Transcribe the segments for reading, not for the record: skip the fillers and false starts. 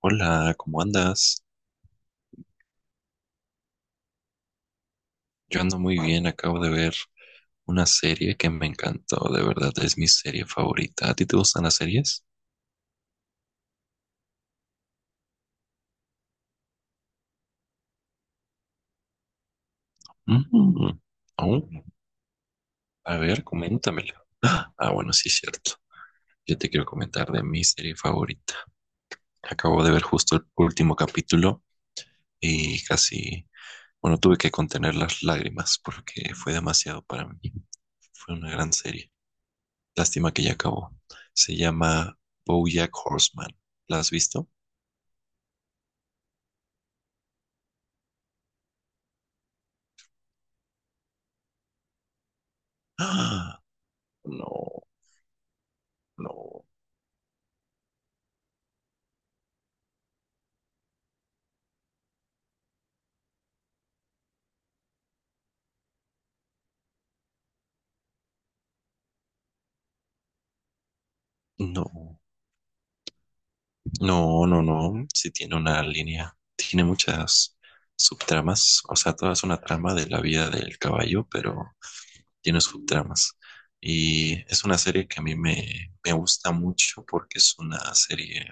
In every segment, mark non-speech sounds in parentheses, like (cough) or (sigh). Hola, ¿cómo andas? Yo ando muy bien, acabo de ver una serie que me encantó, de verdad es mi serie favorita. ¿A ti te gustan las series? Mm, oh, a ver, coméntamela. Ah, bueno, sí, cierto. Yo te quiero comentar de mi serie favorita. Acabo de ver justo el último capítulo y casi, bueno, tuve que contener las lágrimas porque fue demasiado para mí. Fue una gran serie. Lástima que ya acabó. Se llama BoJack Horseman. ¿La has visto? ¡Ah! No, no, no, no, no, no. Sí tiene una línea, tiene muchas subtramas, o sea, toda es una trama de la vida del caballo, pero tiene subtramas. Y es una serie que a mí me gusta mucho porque es una serie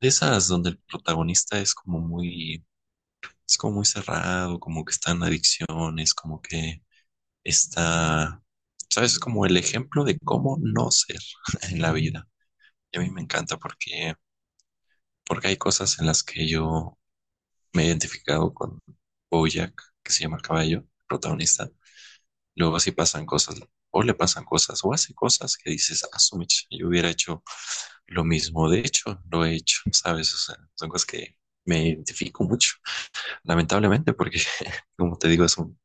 de esas donde el protagonista es como muy cerrado, como que está en adicciones, como que está, ¿sabes? Es como el ejemplo de cómo no ser (laughs) en la vida. Y a mí me encanta porque hay cosas en las que yo me he identificado con Bojack, que se llama el caballo, protagonista. Luego sí pasan cosas, o le pasan cosas, o hace cosas que dices, ah, su mecha, yo hubiera hecho lo mismo. De hecho, lo he hecho, ¿sabes? O sea, son cosas que me identifico mucho, lamentablemente, porque, (laughs) como te digo, es un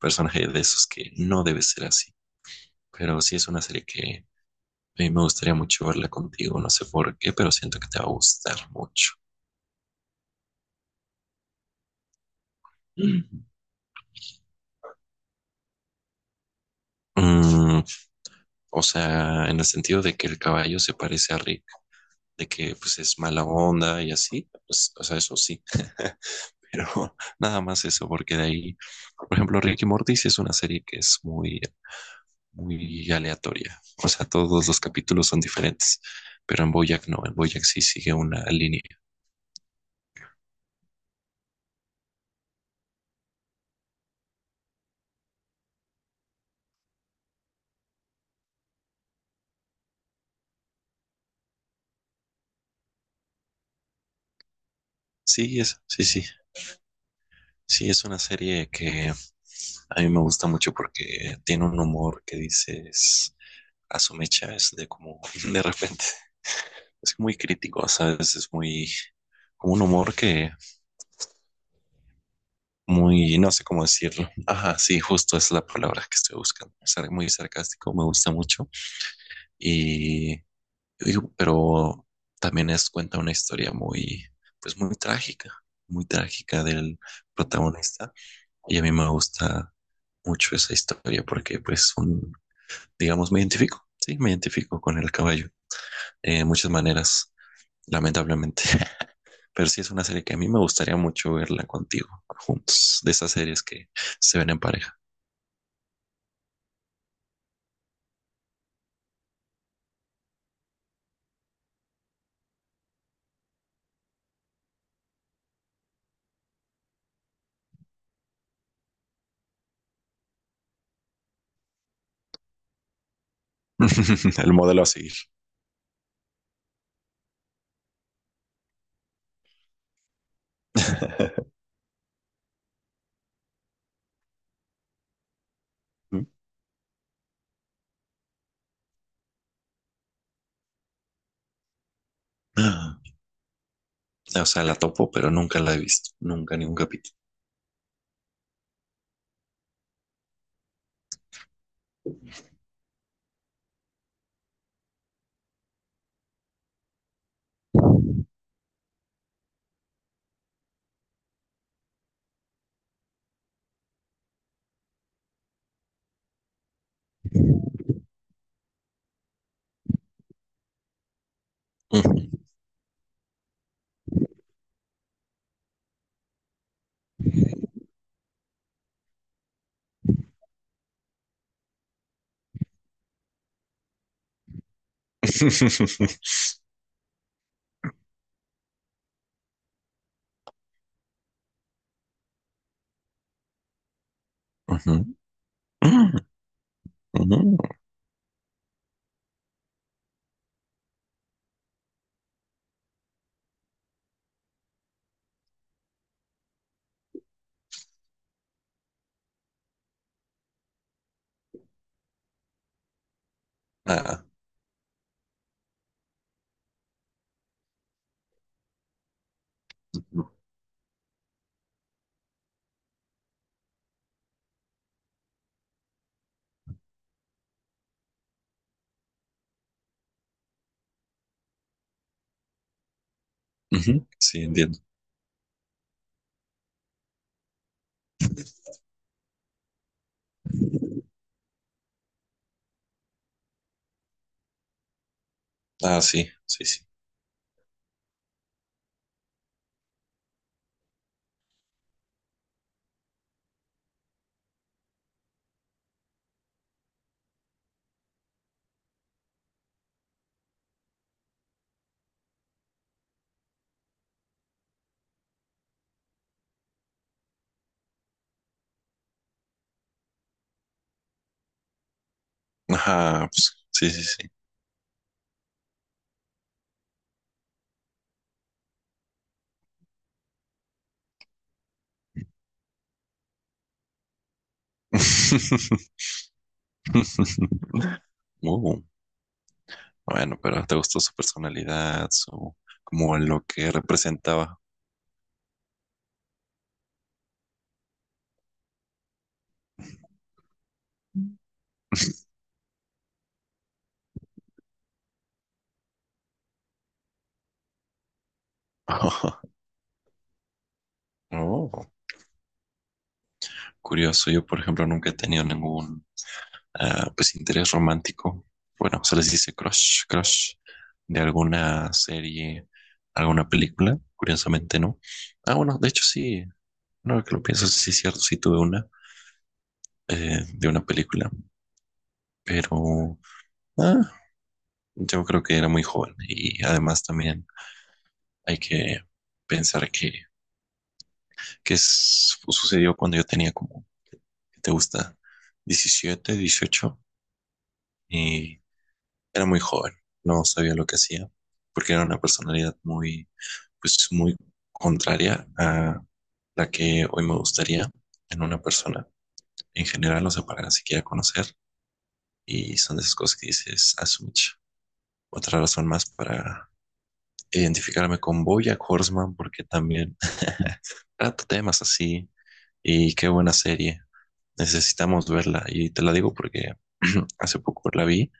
personaje de esos que no debe ser así. Pero sí es una serie que a mí me gustaría mucho verla contigo, no sé por qué, pero siento que te va a gustar mucho. Mm. Mm, o sea, en el sentido de que el caballo se parece a Rick, de que pues es mala onda y así, pues, o sea, eso sí, (laughs) pero nada más eso, porque de ahí, por ejemplo, Rick y Morty sí es una serie que es muy, muy aleatoria, o sea, todos los capítulos son diferentes, pero en Bojack no, en Bojack sí sigue una línea. Sí, es, sí, sí, sí, es una serie que a mí me gusta mucho porque tiene un humor que dices, a su mecha es de como, (laughs) de repente, es muy crítico, ¿sabes? Es muy, como un humor que muy, no sé cómo decirlo. Ajá, sí, justo es la palabra que estoy buscando. Es algo muy sarcástico, me gusta mucho. Y digo, pero también es cuenta una historia muy, pues muy trágica del protagonista. Y a mí me gusta mucho esa historia porque pues un, digamos, me identifico, sí, me identifico con el caballo de muchas maneras, lamentablemente. (laughs) Pero sí es una serie que a mí me gustaría mucho verla contigo, juntos, de esas series que se ven en pareja. (laughs) El modelo a seguir. (laughs) O sea, la topo, pero nunca la he visto, nunca ni un capítulo. (laughs) Ujú. Ujú. Ah, ujú. Sí, entiendo. Ah, sí, sí, sí. Ajá, pues, sí, sí, sí. (laughs) Uh. Bueno, pero te gustó su personalidad, su, como lo que representaba. (laughs) Oh, curioso, yo por ejemplo nunca he tenido ningún ah, pues interés romántico. Bueno, se les dice crush, crush de alguna serie, alguna película. Curiosamente no. Ah, bueno, de hecho sí, no que lo pienso, sí es cierto, sí tuve una de una película, pero ah, yo creo que era muy joven y además también hay que pensar que sucedió cuando yo tenía como, ¿qué te gusta? 17 18 y era muy joven, no sabía lo que hacía porque era una personalidad muy, pues muy contraria a la que hoy me gustaría en una persona. En general, no sea, para siquiera conocer y son de esas cosas que dices, asumich. Otra razón más para identificarme con BoJack Horseman porque también (laughs) trata temas así y qué buena serie. Necesitamos verla. Y te la digo porque (clears throat) (coughs) hace poco la vi.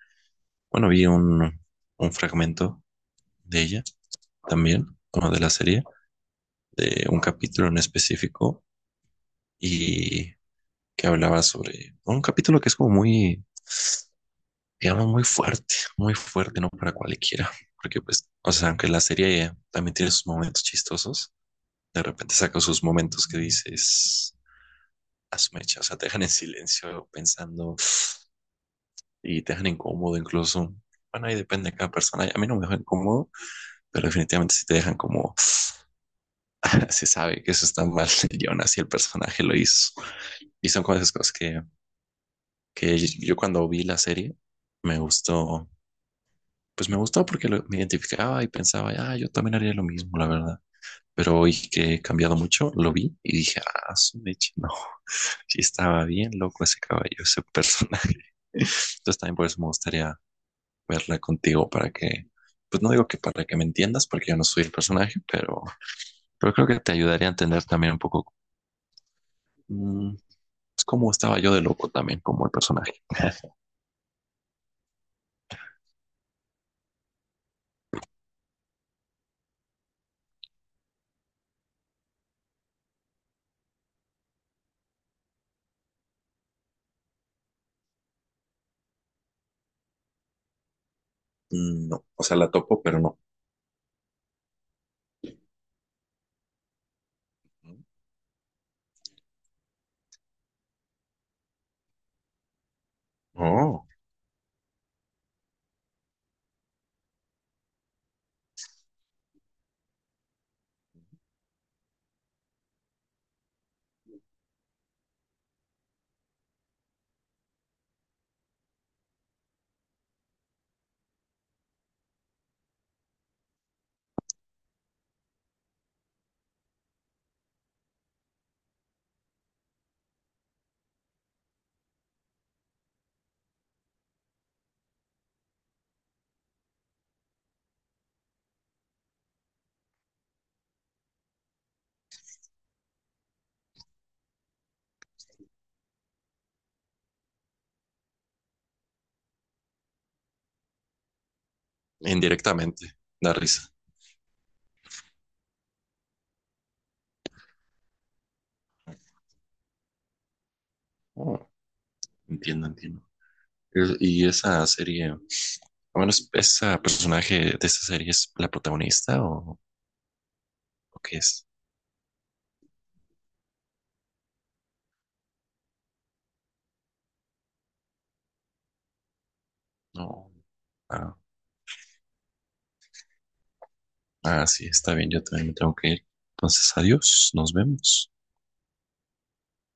Bueno, vi un fragmento de ella también, bueno, de la serie, de un capítulo en específico y que hablaba sobre un capítulo que es como muy, digamos, muy fuerte, no para cualquiera. Porque pues, o sea, aunque la serie también tiene sus momentos chistosos, de repente saca sus momentos que dices, a o sea, te dejan en silencio pensando y te dejan incómodo incluso. Bueno, ahí depende de cada persona. A mí no me dejan incómodo, pero definitivamente si te dejan como (laughs) se sabe que eso está mal (laughs) y aún así el personaje lo hizo. Y son como esas cosas que yo cuando vi la serie me gustó, pues me gustó me identificaba y pensaba, ah, yo también haría lo mismo, la verdad. Pero hoy que he cambiado mucho, lo vi y dije, ah, su mecha, no, (laughs) sí estaba bien loco ese caballo, ese personaje. (laughs) Entonces también por eso me gustaría verla contigo para que, pues no digo que para que me entiendas, porque yo no soy el personaje, pero creo que te ayudaría a entender también un poco mm, pues, cómo estaba yo de loco también como el personaje. (laughs) No, o sea, la topo, pero no. Oh. Indirectamente, da risa. Oh, entiendo, entiendo. Y esa serie, bueno, esa personaje de esa serie es la protagonista o, ¿o qué es? No. Ah, ah, sí, está bien, yo también me tengo que ir. Entonces, adiós, nos vemos.